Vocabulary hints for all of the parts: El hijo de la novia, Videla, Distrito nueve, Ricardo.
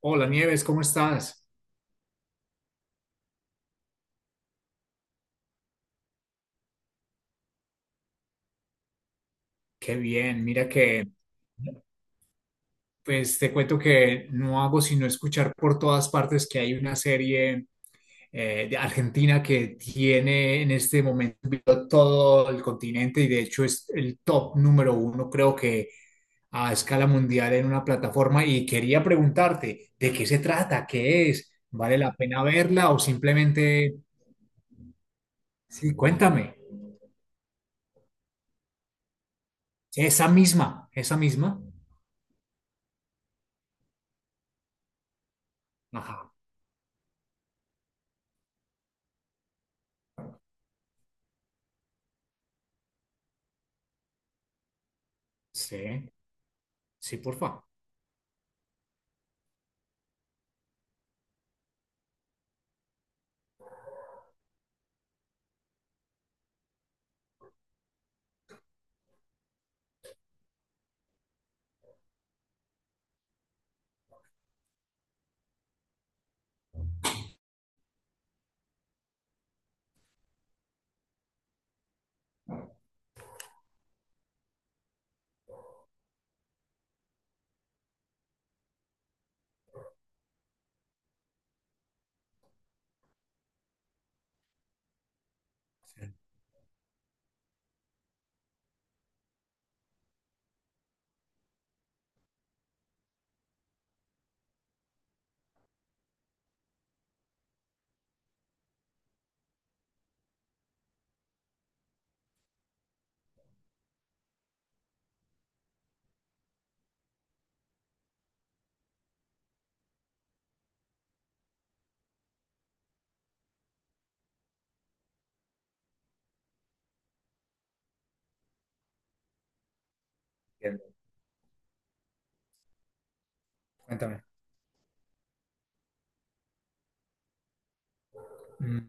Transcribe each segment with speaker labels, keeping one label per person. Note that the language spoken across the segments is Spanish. Speaker 1: Hola Nieves, ¿cómo estás? Qué bien, mira que pues te cuento que no hago sino escuchar por todas partes que hay una serie de Argentina que tiene en este momento todo el continente y de hecho es el top número uno, creo que a escala mundial en una plataforma y quería preguntarte, ¿de qué se trata? ¿Qué es? ¿Vale la pena verla o simplemente, sí, cuéntame, esa misma, esa misma? Ajá, sí. Sí, porfa. Entiendo. Cuéntame. Mm,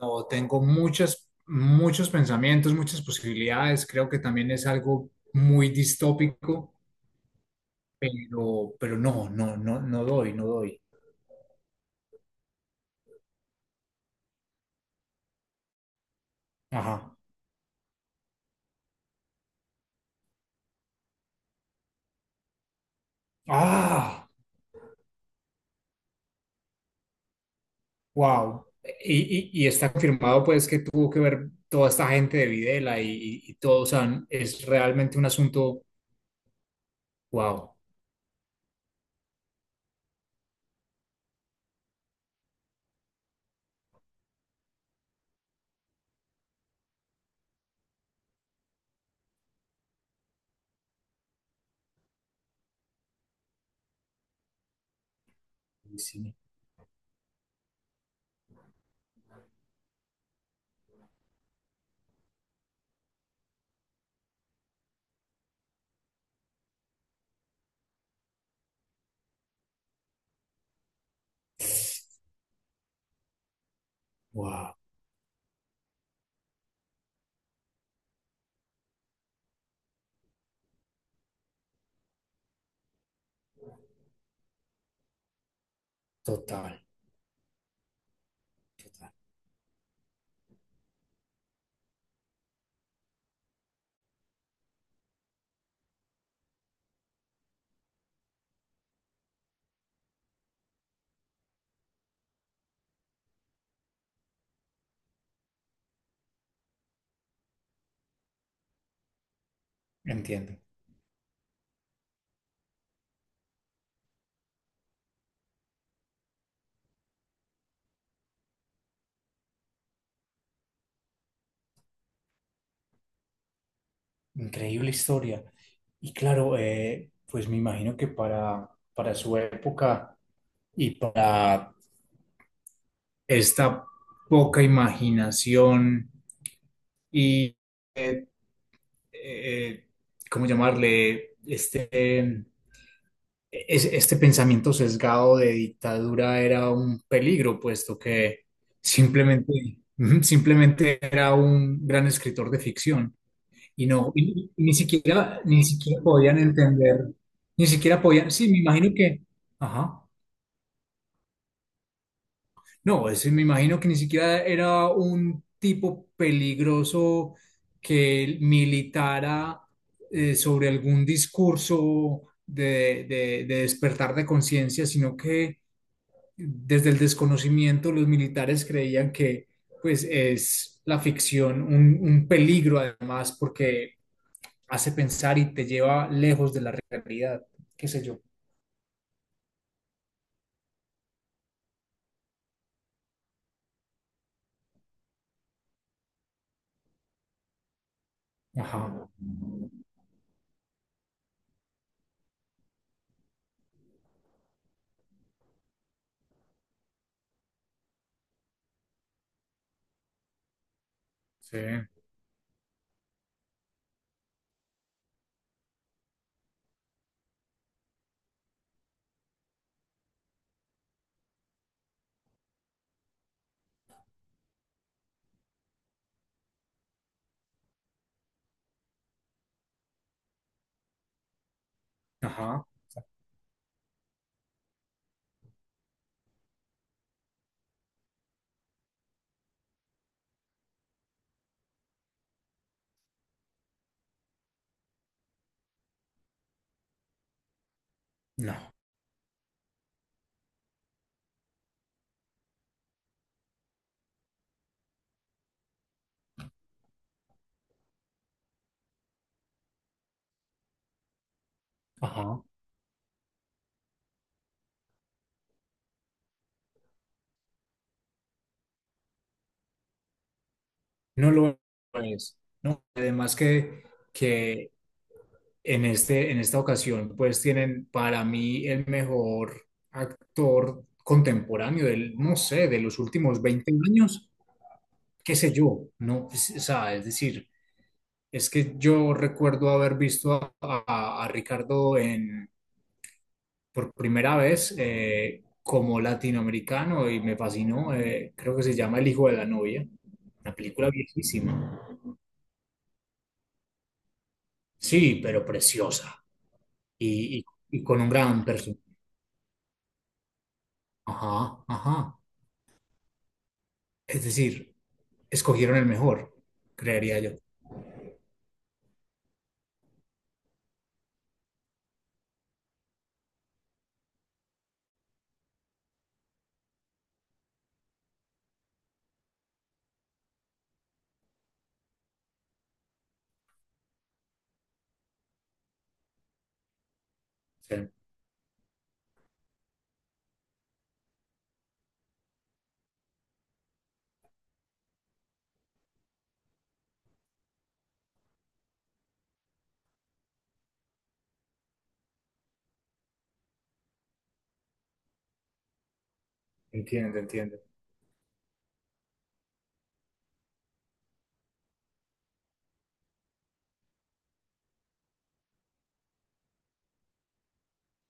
Speaker 1: no, tengo muchos pensamientos, muchas posibilidades. Creo que también es algo muy distópico, pero no, no, no, no doy, no doy. Ajá. Ah, wow. Y, y está confirmado pues que tuvo que ver toda esta gente de Videla y, y todo, o sea, es realmente un asunto, wow. Sí. Wow, total, entiendo. Increíble historia. Y claro, pues me imagino que para su época y para esta poca imaginación y, eh, eh, ¿cómo llamarle? Este, este pensamiento sesgado de dictadura era un peligro, puesto que simplemente, simplemente era un gran escritor de ficción. Y no, y ni siquiera, ni siquiera podían entender, ni siquiera podían, sí, me imagino que, ajá, no, ese me imagino que ni siquiera era un tipo peligroso que militara sobre algún discurso de, de despertar de conciencia, sino que desde el desconocimiento los militares creían que pues es la ficción un peligro además porque hace pensar y te lleva lejos de la realidad, qué sé yo. Ajá, sí, ajá, no, ajá, no lo es, ¿no? Que en este, en esta ocasión, pues tienen para mí el mejor actor contemporáneo del, no sé, de los últimos 20 años, qué sé yo, no, o sea, es decir, es que yo recuerdo haber visto a, a Ricardo en por primera vez como latinoamericano y me fascinó. Creo que se llama El hijo de la novia, una película viejísima. Sí, pero preciosa y, y con un gran personaje. Ajá, ajá. Es decir, escogieron el mejor, creería yo. Sí, entiendo, entiendo.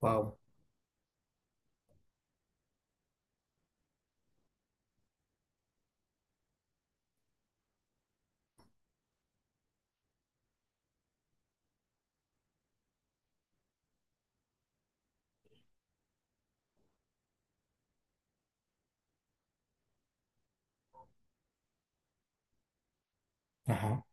Speaker 1: Wow. Ajá.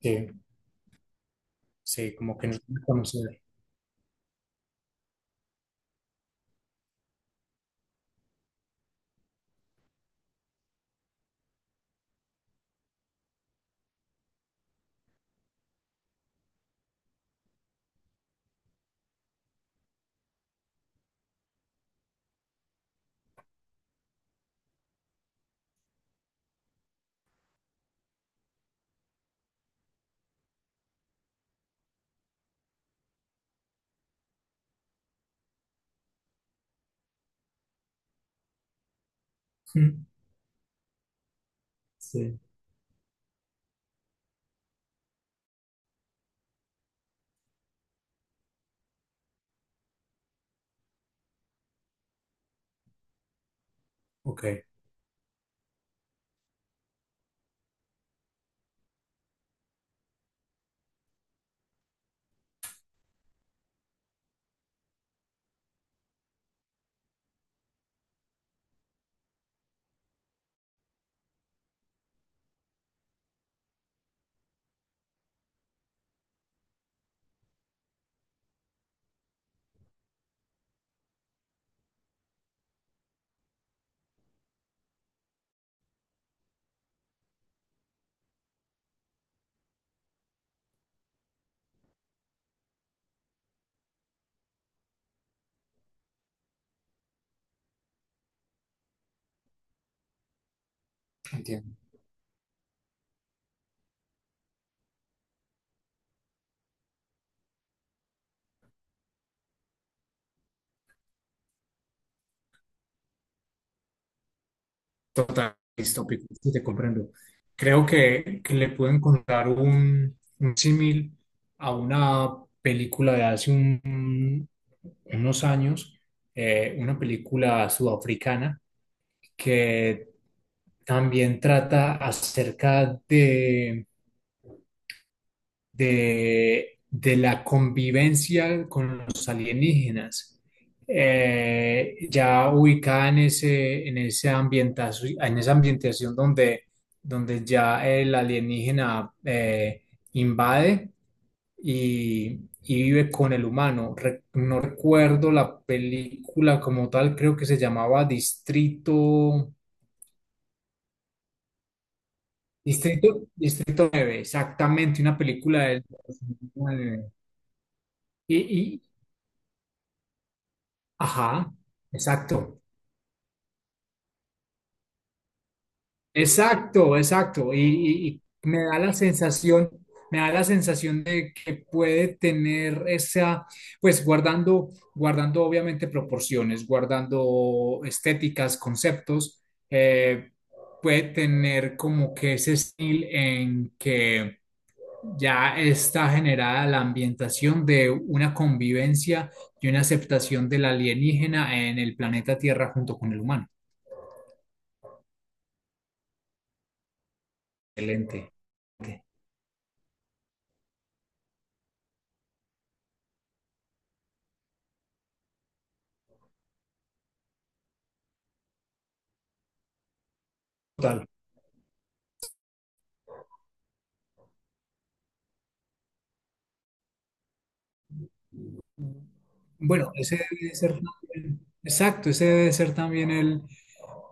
Speaker 1: Sí, sí, como que no se conocía. Sí, ok, entiendo. Total, distópico, sí te comprendo. Creo que le puedo encontrar un símil a una película de hace unos años, una película sudafricana que también trata acerca de la convivencia con los alienígenas, ya ubicada en ese, en ese en esa ambientación donde, donde ya el alienígena invade y vive con el humano. No recuerdo la película como tal, creo que se llamaba Distrito, Distrito, Distrito nueve exactamente, una película del 2009. Y, ajá, exacto, exacto, exacto. Y, y me da la sensación, me da la sensación de que puede tener esa, pues guardando, guardando obviamente proporciones, guardando estéticas, conceptos, eh, puede tener como que ese estilo en que ya está generada la ambientación de una convivencia y una aceptación del alienígena en el planeta Tierra junto con el humano. Excelente. Total. Bueno, ese debe ser exacto, ese debe ser también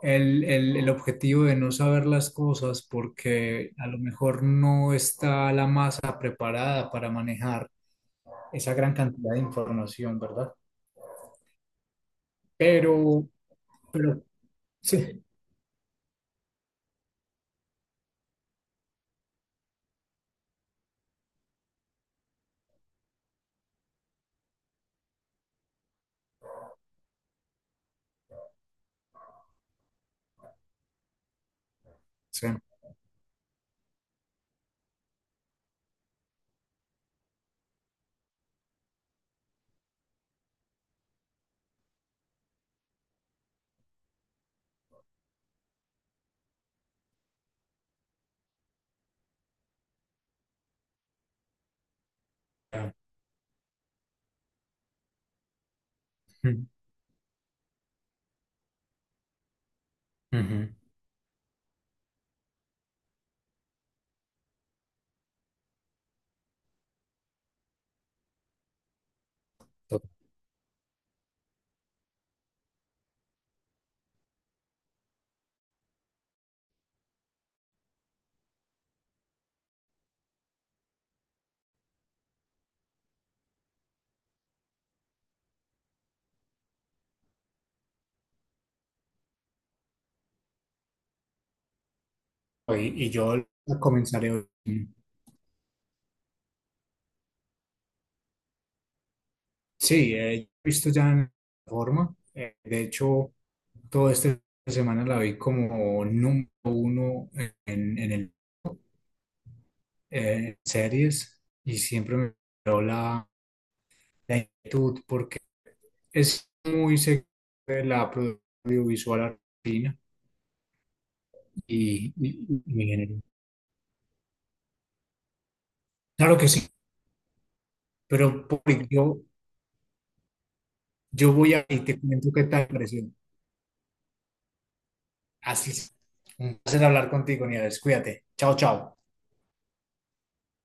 Speaker 1: el, el objetivo de no saber las cosas porque a lo mejor no está la masa preparada para manejar esa gran cantidad de información, ¿verdad? Pero sí, sí. Ujú, ujú. Total. Y yo la comenzaré hoy. Sí, he visto ya en forma. De hecho... Toda esta semana la vi como número uno en el, series y siempre me dio la, la inquietud porque es muy segura de la producción audiovisual argentina y, y mi género. Claro que sí, pero Paul, yo voy a y te cuento qué tal me pareció. Así es. Un placer hablar contigo, Nieves. Cuídate. Chao, chao.